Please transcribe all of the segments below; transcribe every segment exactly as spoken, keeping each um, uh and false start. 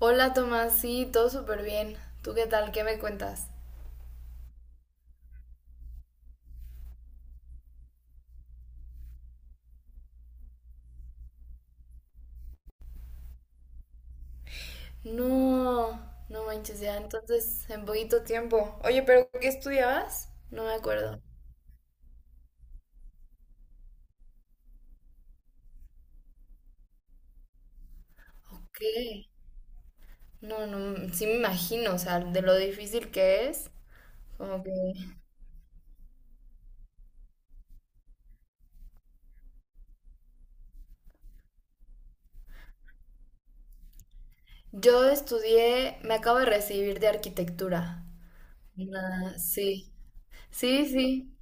Hola Tomás, sí, todo súper bien. ¿Tú qué tal? ¿Qué me cuentas? No, no manches ya, entonces en poquito tiempo. Oye, pero ¿qué estudiabas? No me acuerdo. ¿Qué? No, no, sí me imagino, o sea, de lo difícil que es. Como que yo estudié, me acabo de recibir de arquitectura. Ah, sí. Sí, sí.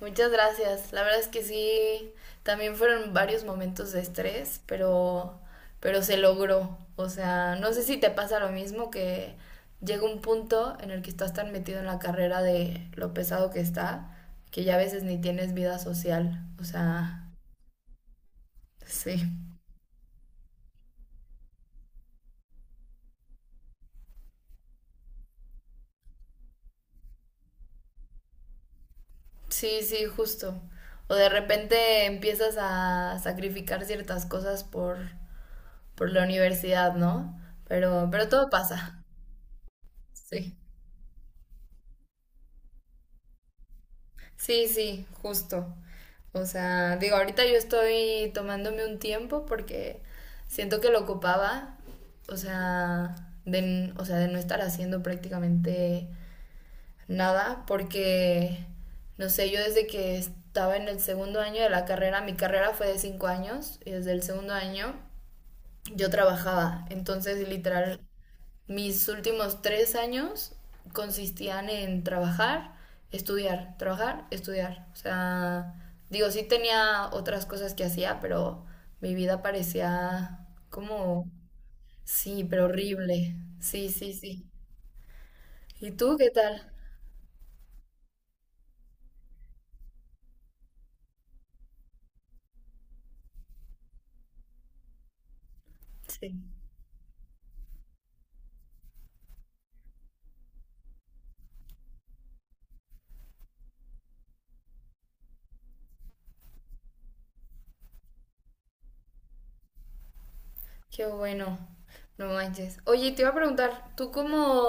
Muchas gracias. La verdad es que sí, también fueron varios momentos de estrés, pero, pero se logró. O sea, no sé si te pasa lo mismo que llega un punto en el que estás tan metido en la carrera de lo pesado que está, que ya a veces ni tienes vida social. O sea, sí, sí, sí, justo. O de repente empiezas a sacrificar ciertas cosas por, por la universidad, ¿no? Pero, pero todo pasa. Sí. Sí, sí, justo. O sea, digo, ahorita yo estoy tomándome un tiempo porque siento que lo ocupaba, o sea, de, n- o sea, de no estar haciendo prácticamente nada, porque, no sé, yo desde que estaba en el segundo año de la carrera, mi carrera fue de cinco años, y desde el segundo año yo trabajaba, entonces literal mis últimos tres años consistían en trabajar, estudiar, trabajar, estudiar. O sea, digo, sí tenía otras cosas que hacía, pero mi vida parecía como, sí, pero horrible. Sí, sí, sí. ¿Y tú qué tal? Sí. Qué bueno. No manches. Oye, te iba a preguntar, ¿tú cómo,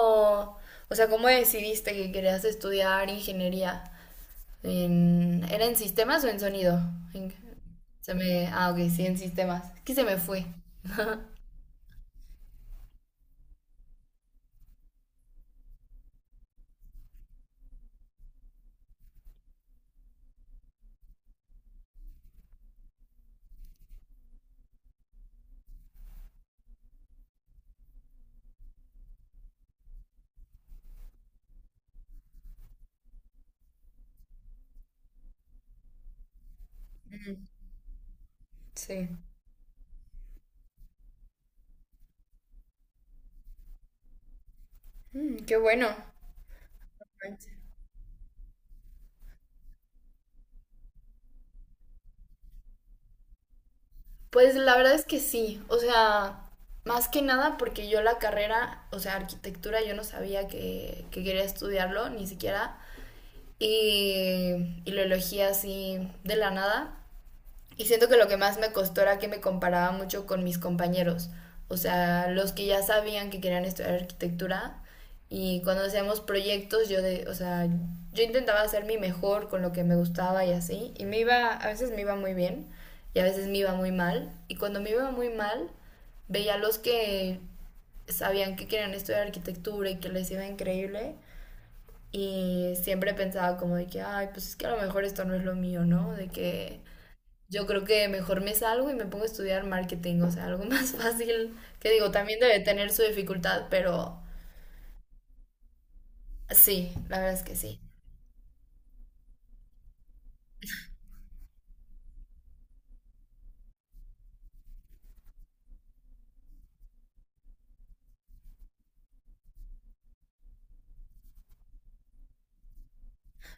o sea, cómo decidiste que querías estudiar ingeniería? En, ¿era en sistemas o en sonido? En- se me, ah, ok, sí, en sistemas. Es que se me fue. Ujú, sí. Mm, qué bueno. Pues la verdad es que sí, o sea, más que nada porque yo la carrera, o sea, arquitectura, yo no sabía que, que quería estudiarlo, ni siquiera, y, y lo elegí así de la nada. Y siento que lo que más me costó era que me comparaba mucho con mis compañeros, o sea, los que ya sabían que querían estudiar arquitectura y cuando hacíamos proyectos yo de, o sea, yo intentaba hacer mi mejor con lo que me gustaba y así, y me iba, a veces me iba muy bien y a veces me iba muy mal, y cuando me iba muy mal veía a los que sabían que querían estudiar arquitectura y que les iba increíble y siempre pensaba como de que, ay, pues es que a lo mejor esto no es lo mío, ¿no? De que yo creo que mejor me salgo y me pongo a estudiar marketing, o sea, algo más fácil, que digo, también debe tener su dificultad, pero sí, la verdad es que sí,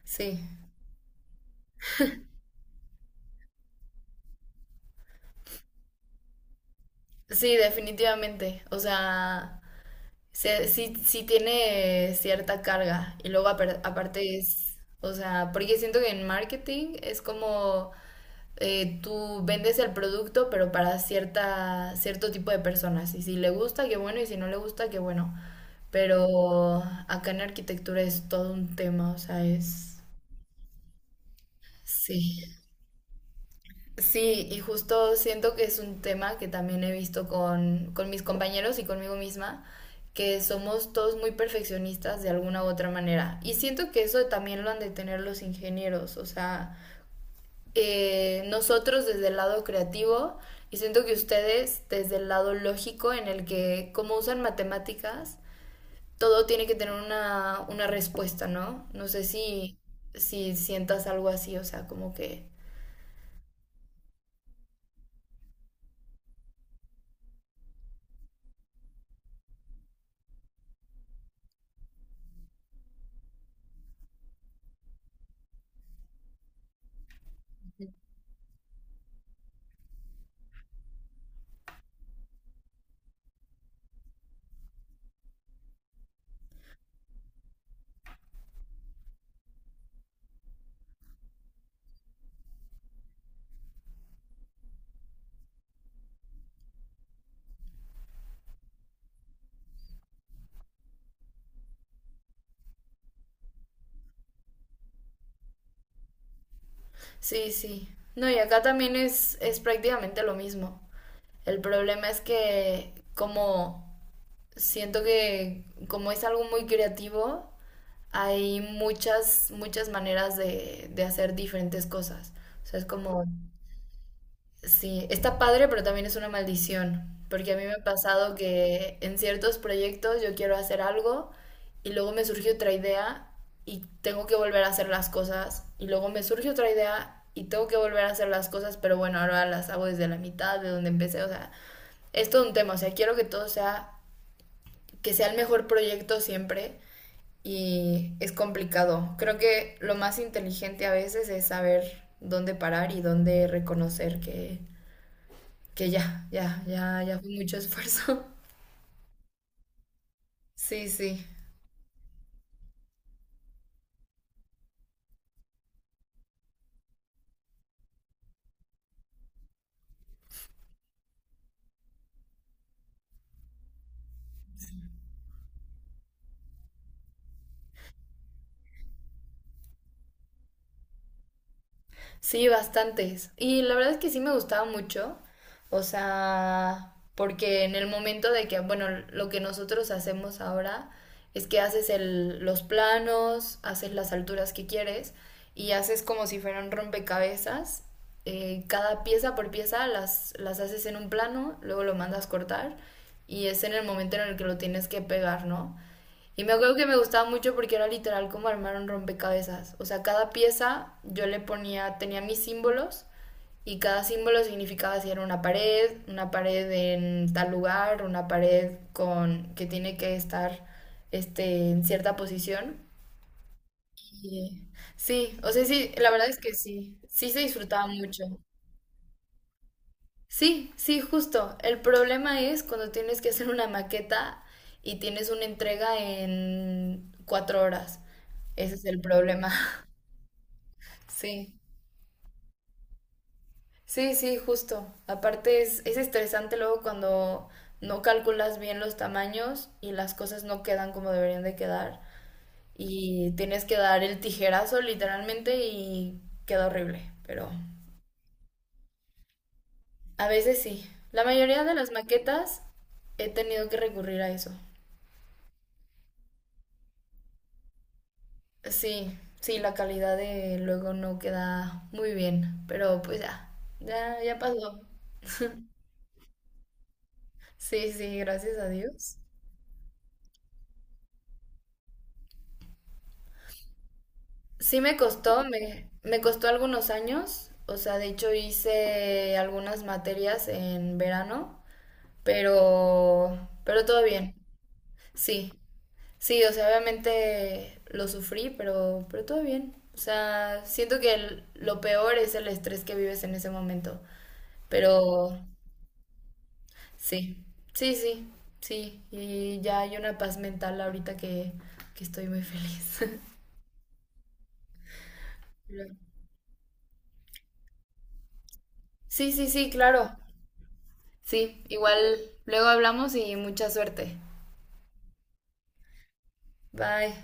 sí, sí, definitivamente, o sea, se- sí, sí tiene cierta carga y luego apar- aparte es, o sea, porque siento que en marketing es como eh, tú vendes el producto, pero para cierta, cierto tipo de personas. Y si le gusta, qué bueno, y si no le gusta, qué bueno. Pero acá en arquitectura es todo un tema, o sea, es... Sí. Sí, y justo siento que es un tema que también he visto con, con mis compañeros y conmigo misma, que somos todos muy perfeccionistas de alguna u otra manera. Y siento que eso también lo han de tener los ingenieros, o sea, eh, nosotros desde el lado creativo y siento que ustedes desde el lado lógico en el que como usan matemáticas, todo tiene que tener una, una respuesta, ¿no? No sé si, si sientas algo así, o sea, como que... Sí, sí. No, y acá también es, es prácticamente lo mismo. El problema es que como siento que como es algo muy creativo, hay muchas, muchas maneras de, de hacer diferentes cosas. O sea, es como sí, está padre, pero también es una maldición, porque a mí me ha pasado que en ciertos proyectos yo quiero hacer algo y luego me surge otra idea y tengo que volver a hacer las cosas y luego me surge otra idea y tengo que volver a hacer las cosas, pero bueno, ahora las hago desde la mitad de donde empecé, o sea, es todo un tema, o sea, quiero que todo sea, que sea el mejor proyecto siempre y es complicado. Creo que lo más inteligente a veces es saber dónde parar y dónde reconocer que que ya, ya, ya, ya fue mucho esfuerzo. Sí, sí. Sí, bastantes. Y la verdad es que sí me gustaba mucho. O sea, porque en el momento de que, bueno, lo que nosotros hacemos ahora es que haces el- los planos, haces las alturas que quieres y haces como si fueran rompecabezas. Eh, cada pieza por pieza las, las haces en un plano, luego lo mandas cortar y es en el momento en el que lo tienes que pegar, ¿no? Y me acuerdo que me gustaba mucho porque era literal como armar un rompecabezas. O sea, cada pieza yo le ponía, tenía mis símbolos y cada símbolo significaba si era una pared, una pared en tal lugar, una pared con que tiene que estar este, en cierta posición. Y, sí, o sea, sí, la verdad es que sí, sí se disfrutaba mucho. Sí, sí, justo. El problema es cuando tienes que hacer una maqueta y tienes una entrega en cuatro horas. Ese es el problema. Sí, sí, sí, justo. Aparte es, es estresante luego cuando no calculas bien los tamaños y las cosas no quedan como deberían de quedar. Y tienes que dar el tijerazo literalmente y queda horrible. Pero a veces sí. La mayoría de las maquetas he tenido que recurrir a eso. Sí, sí, la calidad de luego no queda muy bien, pero pues ya, ya, ya pasó. Sí, sí, gracias a Dios. Sí me costó, me, me costó algunos años, o sea, de hecho hice algunas materias en verano, pero, pero todo bien. Sí, sí, o sea, obviamente lo sufrí, pero, pero todo bien. O sea, siento que el- lo peor es el estrés que vives en ese momento, pero sí, sí, sí, sí. Y ya hay una paz mental ahorita que, que estoy muy feliz. Pero- Sí, sí, sí, claro. Sí, igual luego hablamos y mucha suerte. Bye.